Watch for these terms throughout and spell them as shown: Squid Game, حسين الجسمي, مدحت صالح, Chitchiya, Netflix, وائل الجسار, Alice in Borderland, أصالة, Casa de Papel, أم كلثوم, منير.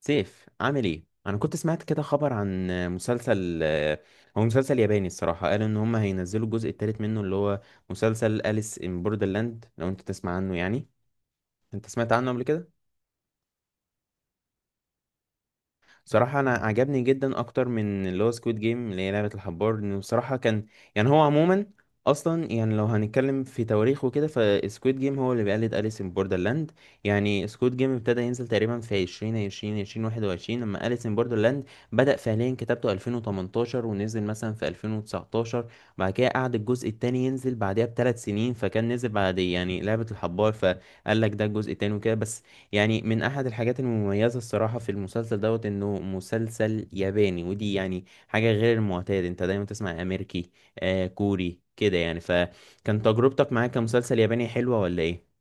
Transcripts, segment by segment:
سيف، عامل ايه؟ انا كنت سمعت كده خبر عن مسلسل. هو مسلسل ياباني الصراحه. قالوا ان هم هينزلوا الجزء الثالث منه، اللي هو مسلسل أليس ان بوردرلاند. لو انت تسمع عنه يعني، انت سمعت عنه قبل كده؟ صراحة أنا عجبني جدا أكتر من اللي هو سكويد جيم اللي هي لعبة الحبار. إنه بصراحة كان يعني هو عموما أصلا، يعني لو هنتكلم في تواريخ وكده، فسكويد جيم هو اللي بيقلد أليس إن بوردرلاند. يعني سكويد جيم ابتدى ينزل تقريبا في 2020، 2021، لما أليس إن بوردرلاند بدأ فعليا كتابته 2018 ونزل مثلا في 2019. بعد كده قعد الجزء التاني ينزل بعدها بـ 3 سنين، فكان نزل بعد يعني لعبة الحبار، فقال لك ده الجزء التاني وكده بس. يعني من احد الحاجات المميزه الصراحه في المسلسل دوت انه مسلسل ياباني، ودي يعني حاجه غير المعتاد. انت دايما تسمع امريكي، آه كوري كده يعني. فكان تجربتك معاه كمسلسل ياباني حلوه ولا ايه؟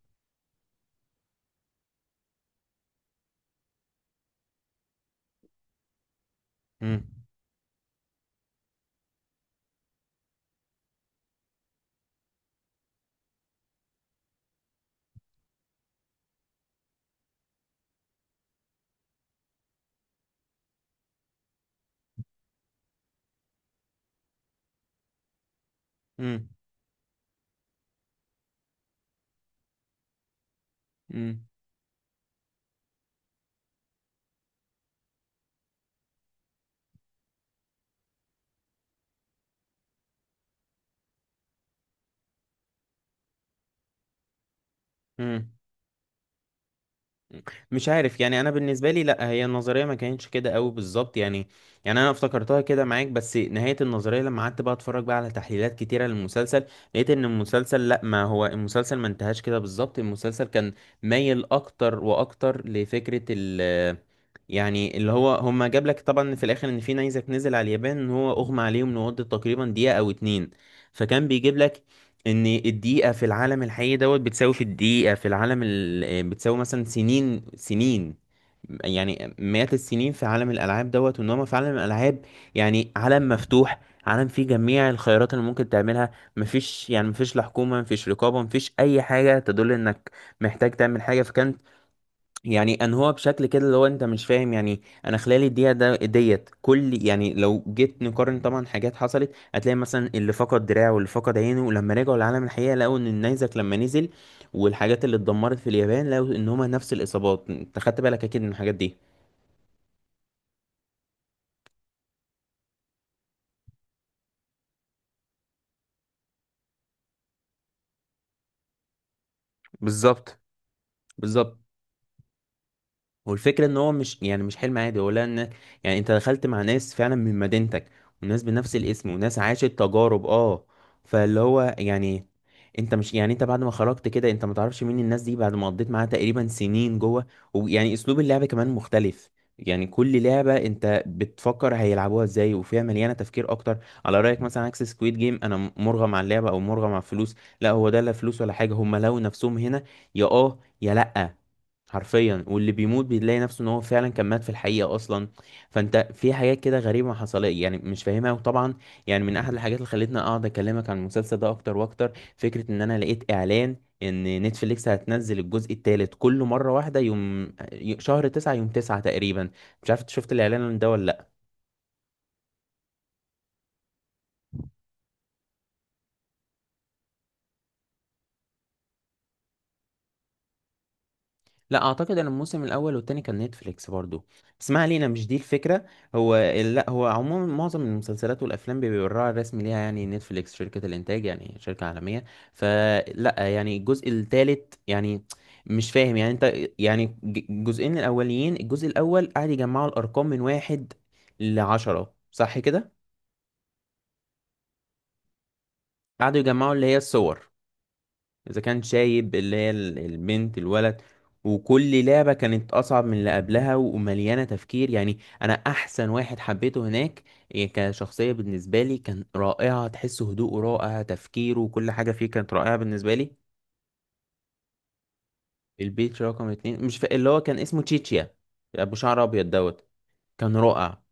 امم امم مش عارف يعني. انا بالنسبه لي، لا، هي النظريه ما كانتش كده قوي بالظبط يعني. يعني انا افتكرتها كده معاك، بس نهايه النظريه لما قعدت بقى اتفرج بقى على تحليلات كتيره للمسلسل، لقيت ان المسلسل لا، ما هو المسلسل ما انتهاش كده بالظبط. المسلسل كان مايل اكتر واكتر لفكره يعني اللي هو، هما جاب لك طبعا في الاخر ان في نيزك نزل على اليابان، ان هو اغمى عليهم لمده تقريبا دقيقة أو 2. فكان بيجيب لك ان الدقيقة في العالم الحقيقي دوت بتساوي في الدقيقة في العالم ال... آه، بتساوي مثلا سنين سنين، يعني مئات السنين في عالم الألعاب دوت. وإنما في عالم الألعاب يعني عالم مفتوح، عالم فيه جميع الخيارات اللي ممكن تعملها. مفيش لا حكومة، مفيش رقابة، مفيش أي حاجة تدل إنك محتاج تعمل حاجة. فكان يعني انهوا بشكل كده اللي هو انت مش فاهم، يعني انا خلال الدقيقه ده ديت كل، يعني لو جيت نقارن طبعا حاجات حصلت، هتلاقي مثلا اللي فقد دراعه واللي فقد عينه، ولما رجعوا لعالم الحقيقه لقوا ان النيزك لما نزل والحاجات اللي اتدمرت في اليابان، لقوا ان هما نفس الاصابات. انت خدت بالك اكيد من الحاجات دي؟ بالظبط، بالظبط. والفكرة ان هو مش يعني مش حلم عادي، هو لا، ان يعني انت دخلت مع ناس فعلا من مدينتك، وناس بنفس الاسم، وناس عاشت تجارب اه. فاللي هو يعني انت مش، يعني انت بعد ما خرجت كده انت ما تعرفش مين الناس دي بعد ما قضيت معاها تقريبا سنين جوه. ويعني اسلوب اللعبة كمان مختلف. يعني كل لعبة انت بتفكر هيلعبوها ازاي، وفيها مليانة تفكير اكتر. على رأيك مثلا عكس سكويد جيم، انا مرغم على اللعبة او مرغم على الفلوس. لا، هو ده لا فلوس ولا حاجة، هم لو نفسهم هنا يا اه يا لا، حرفيا. واللي بيموت بيلاقي نفسه ان هو فعلا كان مات في الحقيقة اصلا. فانت في حاجات كده غريبة ما حصلت يعني، مش فاهمها. وطبعا يعني من احد الحاجات اللي خلتني اقعد اكلمك عن المسلسل ده اكتر واكتر، فكرة ان انا لقيت اعلان ان نتفليكس هتنزل الجزء الثالث كله مرة واحده، يوم 9/9 تقريبا. مش عارف انت شفت الاعلان ده ولا؟ لا، اعتقد ان الموسم الاول والتاني كان نتفليكس برضو. بس ما علينا، مش دي الفكره. هو لا، هو عموما معظم المسلسلات والافلام بيبقى الراعي الرسمي ليها يعني نتفليكس، شركه الانتاج يعني شركه عالميه. فلا يعني الجزء الثالث يعني مش فاهم يعني انت. يعني الجزئين الاوليين، الجزء الاول قعد يجمعوا الارقام من 1 لـ 10، صح كده؟ قعدوا يجمعوا اللي هي الصور. اذا كان شايب، اللي هي البنت، الولد. وكل لعبة كانت أصعب من اللي قبلها ومليانة تفكير. يعني أنا أحسن واحد حبيته هناك، إيه كشخصية بالنسبة لي كان رائعة، تحس هدوءه رائع، تفكيره وكل حاجة فيه كانت رائعة بالنسبة لي. البيت رقم 2، مش فا... اللي هو كان اسمه تشيتشيا، أبو شعر أبيض دوت. كان رائع.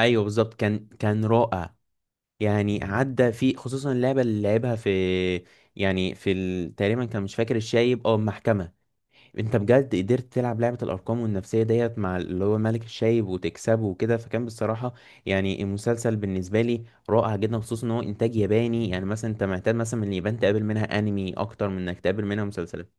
أيوه بالظبط، كان رائع. يعني عدى فيه، خصوصا اللعبة اللي لعبها في، يعني في تقريبا كان، مش فاكر، الشايب أو المحكمة. انت بجد قدرت تلعب لعبة الارقام والنفسية ديت مع اللي هو ملك الشايب وتكسبه وكده، فكان بصراحة يعني المسلسل بالنسبة لي رائع جدا، خصوصا ان هو انتاج ياباني. يعني مثلا انت معتاد مثلا من اليابان تقابل منها انمي اكتر من انك تقابل منها مسلسلات.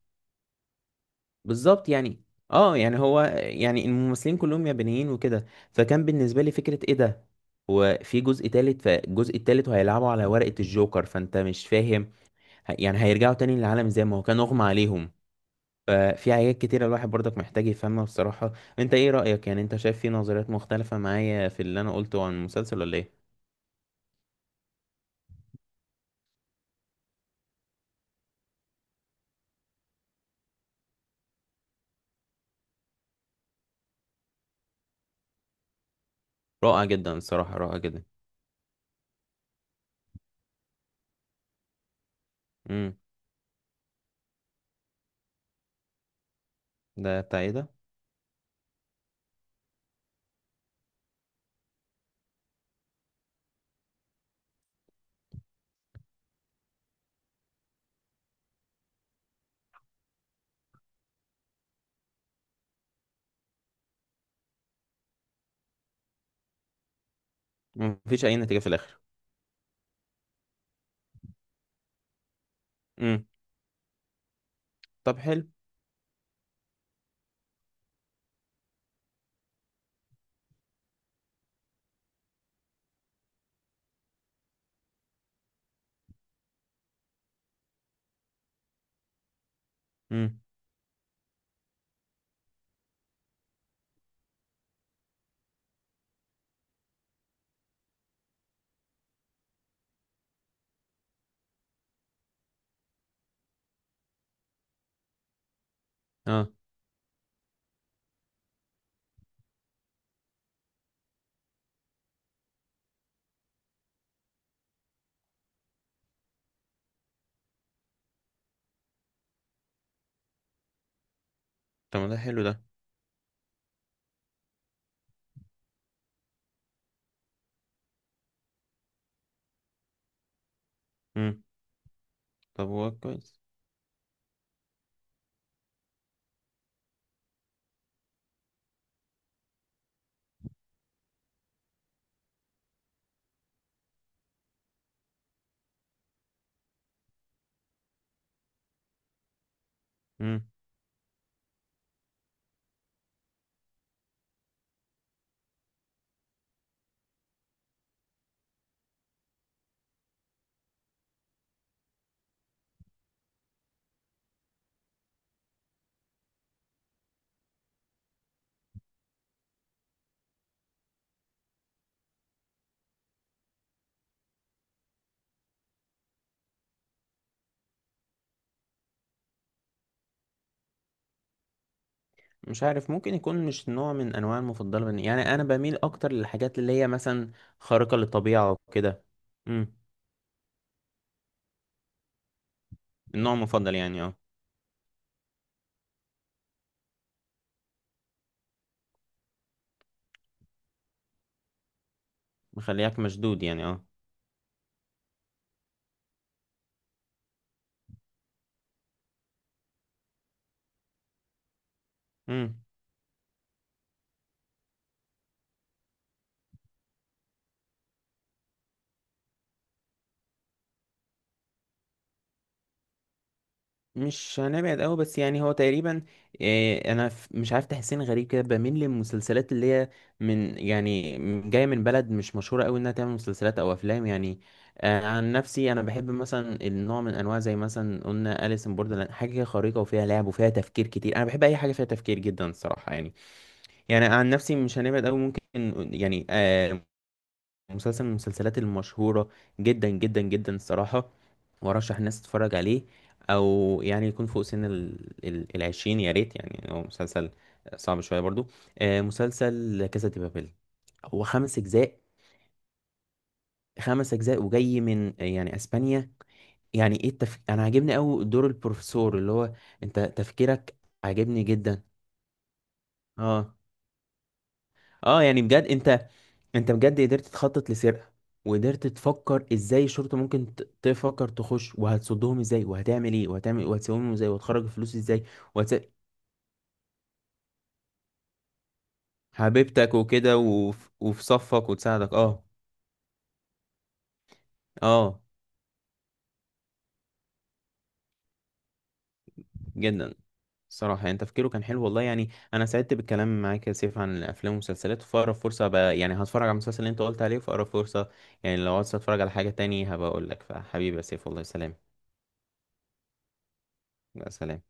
بالظبط يعني. اه يعني هو يعني الممثلين كلهم يابانيين وكده. فكان بالنسبة لي فكرة ايه ده. هو في جزء تالت، فالجزء التالت وهيلعبوا على ورقة الجوكر. فانت مش فاهم، يعني هيرجعوا تاني للعالم زي ما هو كان اغمى عليهم. ففي حاجات كتيرة الواحد برضك محتاج يفهمها بصراحة. انت ايه رأيك؟ يعني انت شايف في نظريات مختلفة معايا في اللي انا قلته عن المسلسل ولا ايه؟ رائع جدا الصراحة، رائع جدا. امم ده بتاع ايه ده؟ مفيش اي نتيجة في الاخر. امم طب حلو. امم اه. طب ما ده حلو ده. امم طب هو كويس. امم مش عارف، ممكن يكون مش نوع من انواع المفضلة. يعني انا بميل اكتر للحاجات اللي هي مثلا خارقة للطبيعة وكده. امم النوع المفضل يعني، اه، مخليك مشدود يعني، اه. امم مش هنبعد قوي، بس يعني هو تقريبا، إيه انا مش عارف، تحسين غريب كده، بميل للمسلسلات اللي هي من يعني جايه من بلد مش مشهوره قوي انها تعمل مسلسلات او افلام يعني. آه عن نفسي انا بحب مثلا النوع من انواع زي مثلا قلنا اليس ان بوردرلاند، حاجه كده خريطه وفيها لعب وفيها تفكير كتير. انا بحب اي حاجه فيها تفكير جدا الصراحه يعني. يعني عن نفسي مش هنبعد قوي ممكن، يعني مسلسل من المسلسلات المشهورة جدا جدا جدا الصراحة، وارشح الناس تتفرج عليه، او يعني يكون فوق سن العشرين يا ريت، يعني هو مسلسل صعب شوية برضو. مسلسل كاسا دي بابيل. هو 5 أجزاء، 5 أجزاء، وجاي من يعني اسبانيا. يعني ايه انا عاجبني قوي دور البروفيسور، اللي هو انت تفكيرك عاجبني جدا، اه. اه يعني بجد انت، انت بجد قدرت تخطط لسرقة، وقدرت تفكر ازاي الشرطة ممكن تفكر تخش، وهتصدهم ازاي، وهتعمل ايه، وهتعمل، وهتسويهم ازاي، وهتخرج الفلوس ازاي، وهت... حبيبتك وكده وفي صفك وتساعدك، اه. اه جدا. صراحة يعني تفكيره كان حلو والله. يعني انا سعدت بالكلام معاك يا سيف عن الافلام والمسلسلات. في اقرب فرصة بقى يعني هتفرج على المسلسل اللي انت قلت عليه في اقرب فرصة. يعني لو عايز اتفرج على حاجة تاني هبقى اقول لك. فحبيبي يا سيف والله، سلام. يا سلام.